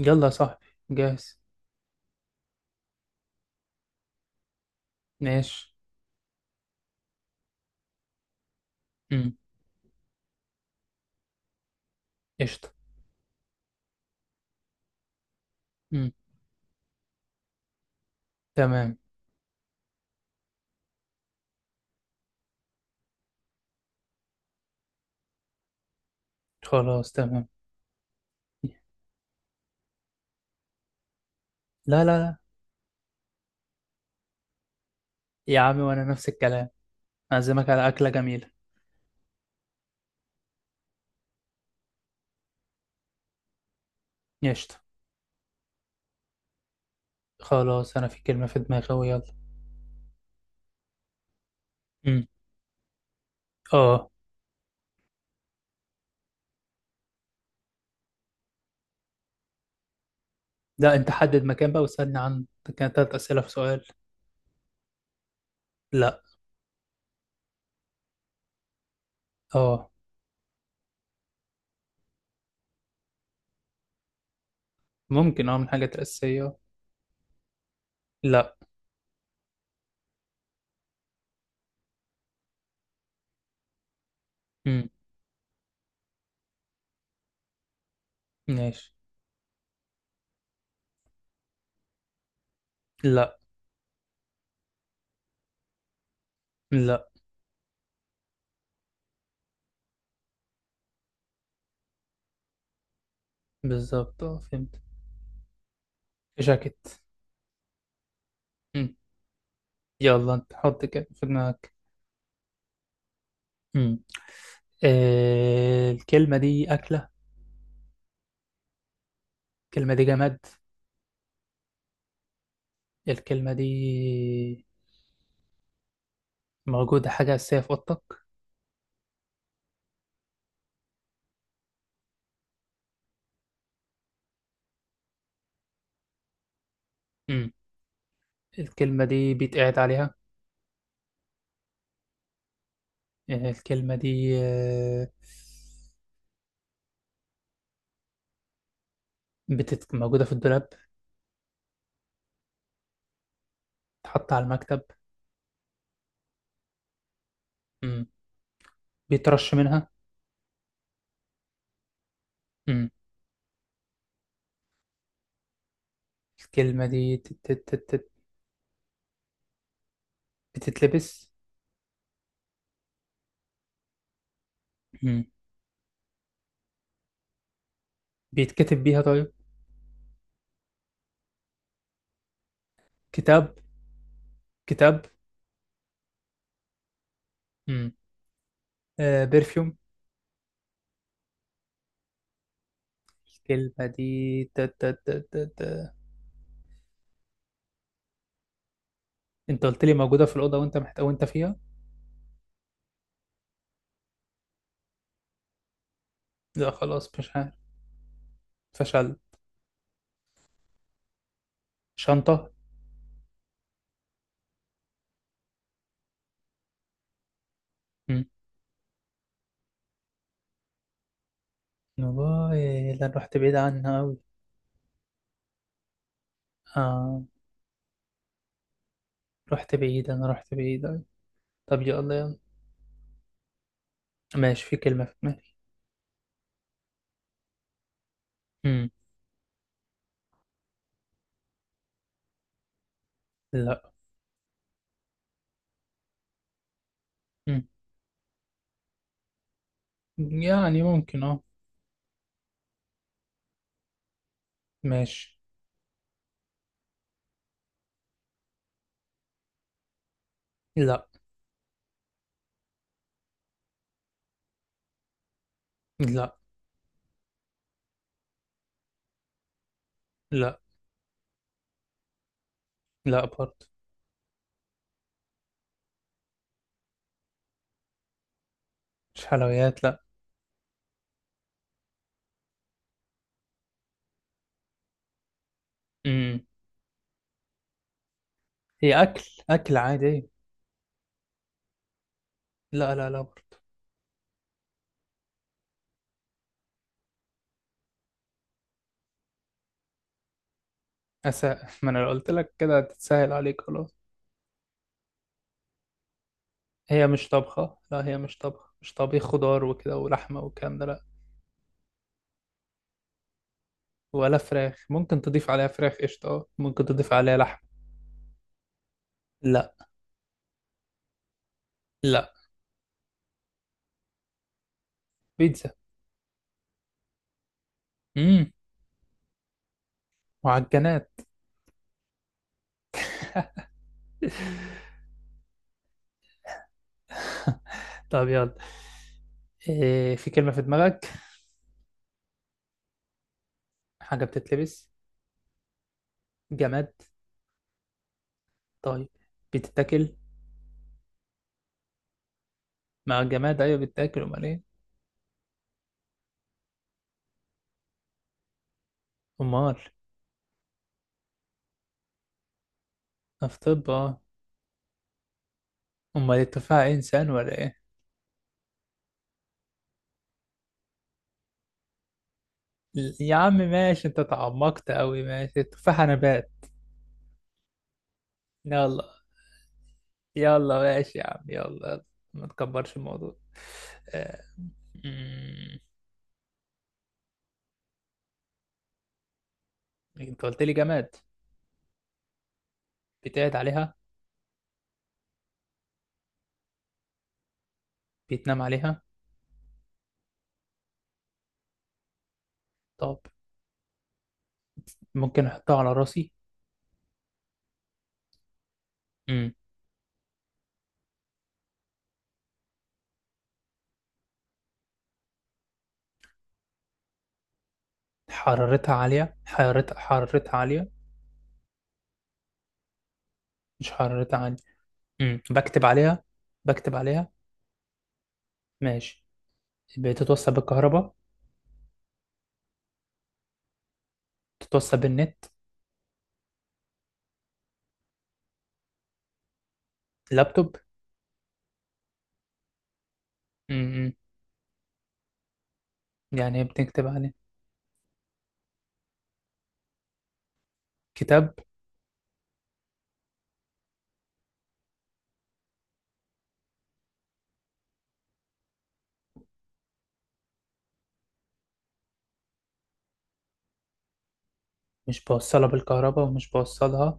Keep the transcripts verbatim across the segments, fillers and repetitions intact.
يلا يا صاحبي. جاهز. ماشي. امم. قشطة. امم. تمام. خلاص، تمام. لا، لا، لا، يا عمي، وانا نفس الكلام. اعزمك على اكلة جميلة. قشطة. خلاص، انا في كلمة في دماغي أهو، يلا. امم. اه. لا، انت حدد مكان بقى واسألني عن. كانت تلات اسئلة في سؤال. لا. اه. ممكن، اه من حاجات اساسية. لا. امم. ماشي. لا، لا. بالظبط، اه فهمت. جاكيت. امم. يلا انت حط كده في دماغك. مم. آه، الكلمة دي أكلة؟ الكلمة دي جماد؟ الكلمة دي موجودة، حاجة أساسية في أوضتك؟ مم. الكلمة دي بيتقعد عليها؟ آه، الكلمة دي آه، بتت... موجودة في الدولاب؟ تحط على المكتب؟ مم. بيترش منها؟ مم. الكلمة دي. تت... تت... تت... بتتلبس؟ مم. بيتكتب بيها، طيب. كتاب. كتاب. مم. آه، برفيوم. الكلمة دي. تت... تت... تت... تت... انت قلت لي موجودة في الأوضة، وانت محت... وانت فيها. لا، خلاص، مش عارف. فشل. شنطة. مم. والله، ده أنا رحت بعيد عنها أوي. آه. رحت بعيد، أنا رحت بعيد أوي. طب يلا، يلا. ماشي، في كلمة في دماغي. مم. لا. مم. يعني ممكن، اه. ماشي. لا لا. لا، لا، برضه. مش حلويات، لا. مم. هي أكل. أكل عادي. لا، لا، لا، برضه. أسا ما أنا لو قلت لك كده هتتسهل عليك خلاص. هي مش طبخة، لا، هي مش طبخة، مش طبيخ خضار وكده ولحمة والكلام ده، لا. ولا فراخ، ممكن تضيف عليها فراخ، قشطة، اه ممكن تضيف عليها لحم. لا. لا. بيتزا. امم. معجنات. طب يلا. إيه، في كلمة في دماغك؟ حاجة بتتلبس؟ جماد؟ طيب، بتتاكل؟ مع الجماد أيوة بتتاكل، أمال إيه؟ أمال. في طب، أه. أمال التفاحة إنسان ولا إيه؟ ل- يا عم ماشي، أنت تعمقت أوي، ماشي، التفاحة نبات. يلا، يلا، ماشي يا عم، يلا، يلا. ما تكبرش الموضوع. آه. انت قلت لي جماد. بيتقعد عليها؟ بيتنام عليها؟ طب، ممكن احطها على راسي؟ امم. حرارتها عالية، حرارتها حرارتها عالية؟ مش حرارتها عالية. امم. بكتب عليها، بكتب عليها. ماشي. بتتوصل بالكهرباء؟ بتتوصل بالنت؟ لابتوب. امم. يعني ايه بتكتب عليه؟ كتاب. مش بوصلها بالكهرباء، ومش بوصلها.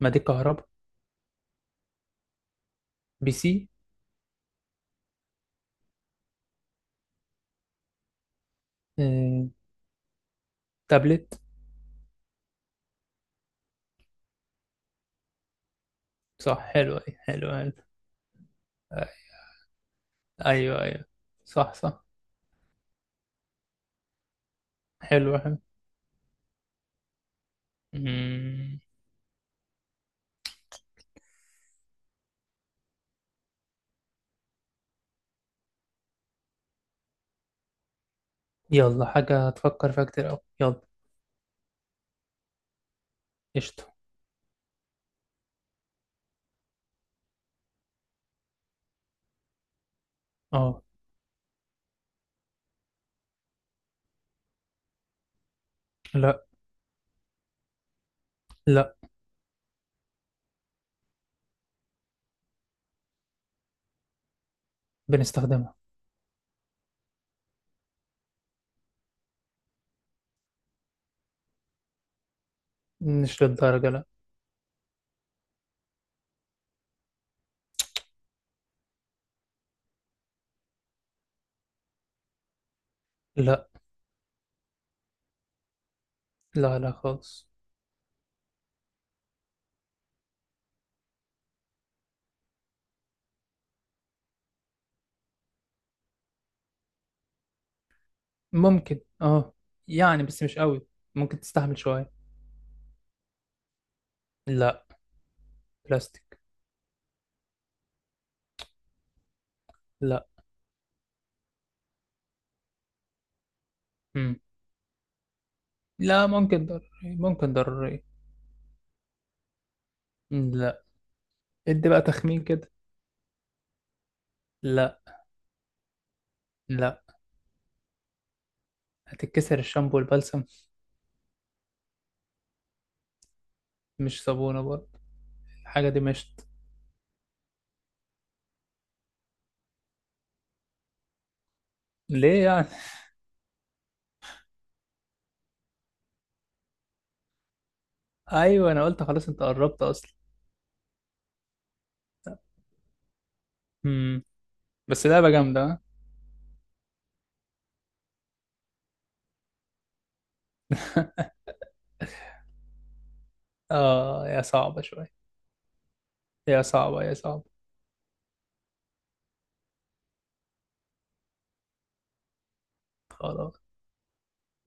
ما دي كهرباء. بي سي. أمم. تابلت. صح، حلو أوي، حلو، حلو. ايوه، ايوه. صح، صح. حلو، حلو. مم. يلا، حاجة تفكر فيها كتير أوي، يلا. قشطة. اه. لا. لا. بنستخدمها. مش للدرجة، لا. لا، لا، لا، خالص. ممكن، اه. يعني بس مش قوي. ممكن تستحمل شوية. لا. بلاستيك. لا. مم. لا، ممكن ضروري، ممكن ضروري. لا. ادي بقى تخمين كده. لا. لا. هتتكسر الشامبو والبلسم؟ مش صابونة برضه. الحاجة دي مشت. ليه يعني؟ ايوه، انا قلت خلاص، انت قربت اصلا. مم. بس لعبة جامدة، ها؟ آه يا صعبة شوي. يا صعبة، يا صعبة. خلاص.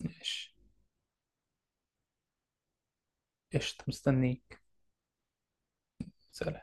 ماشي. قشطة، مستنيك. سلام.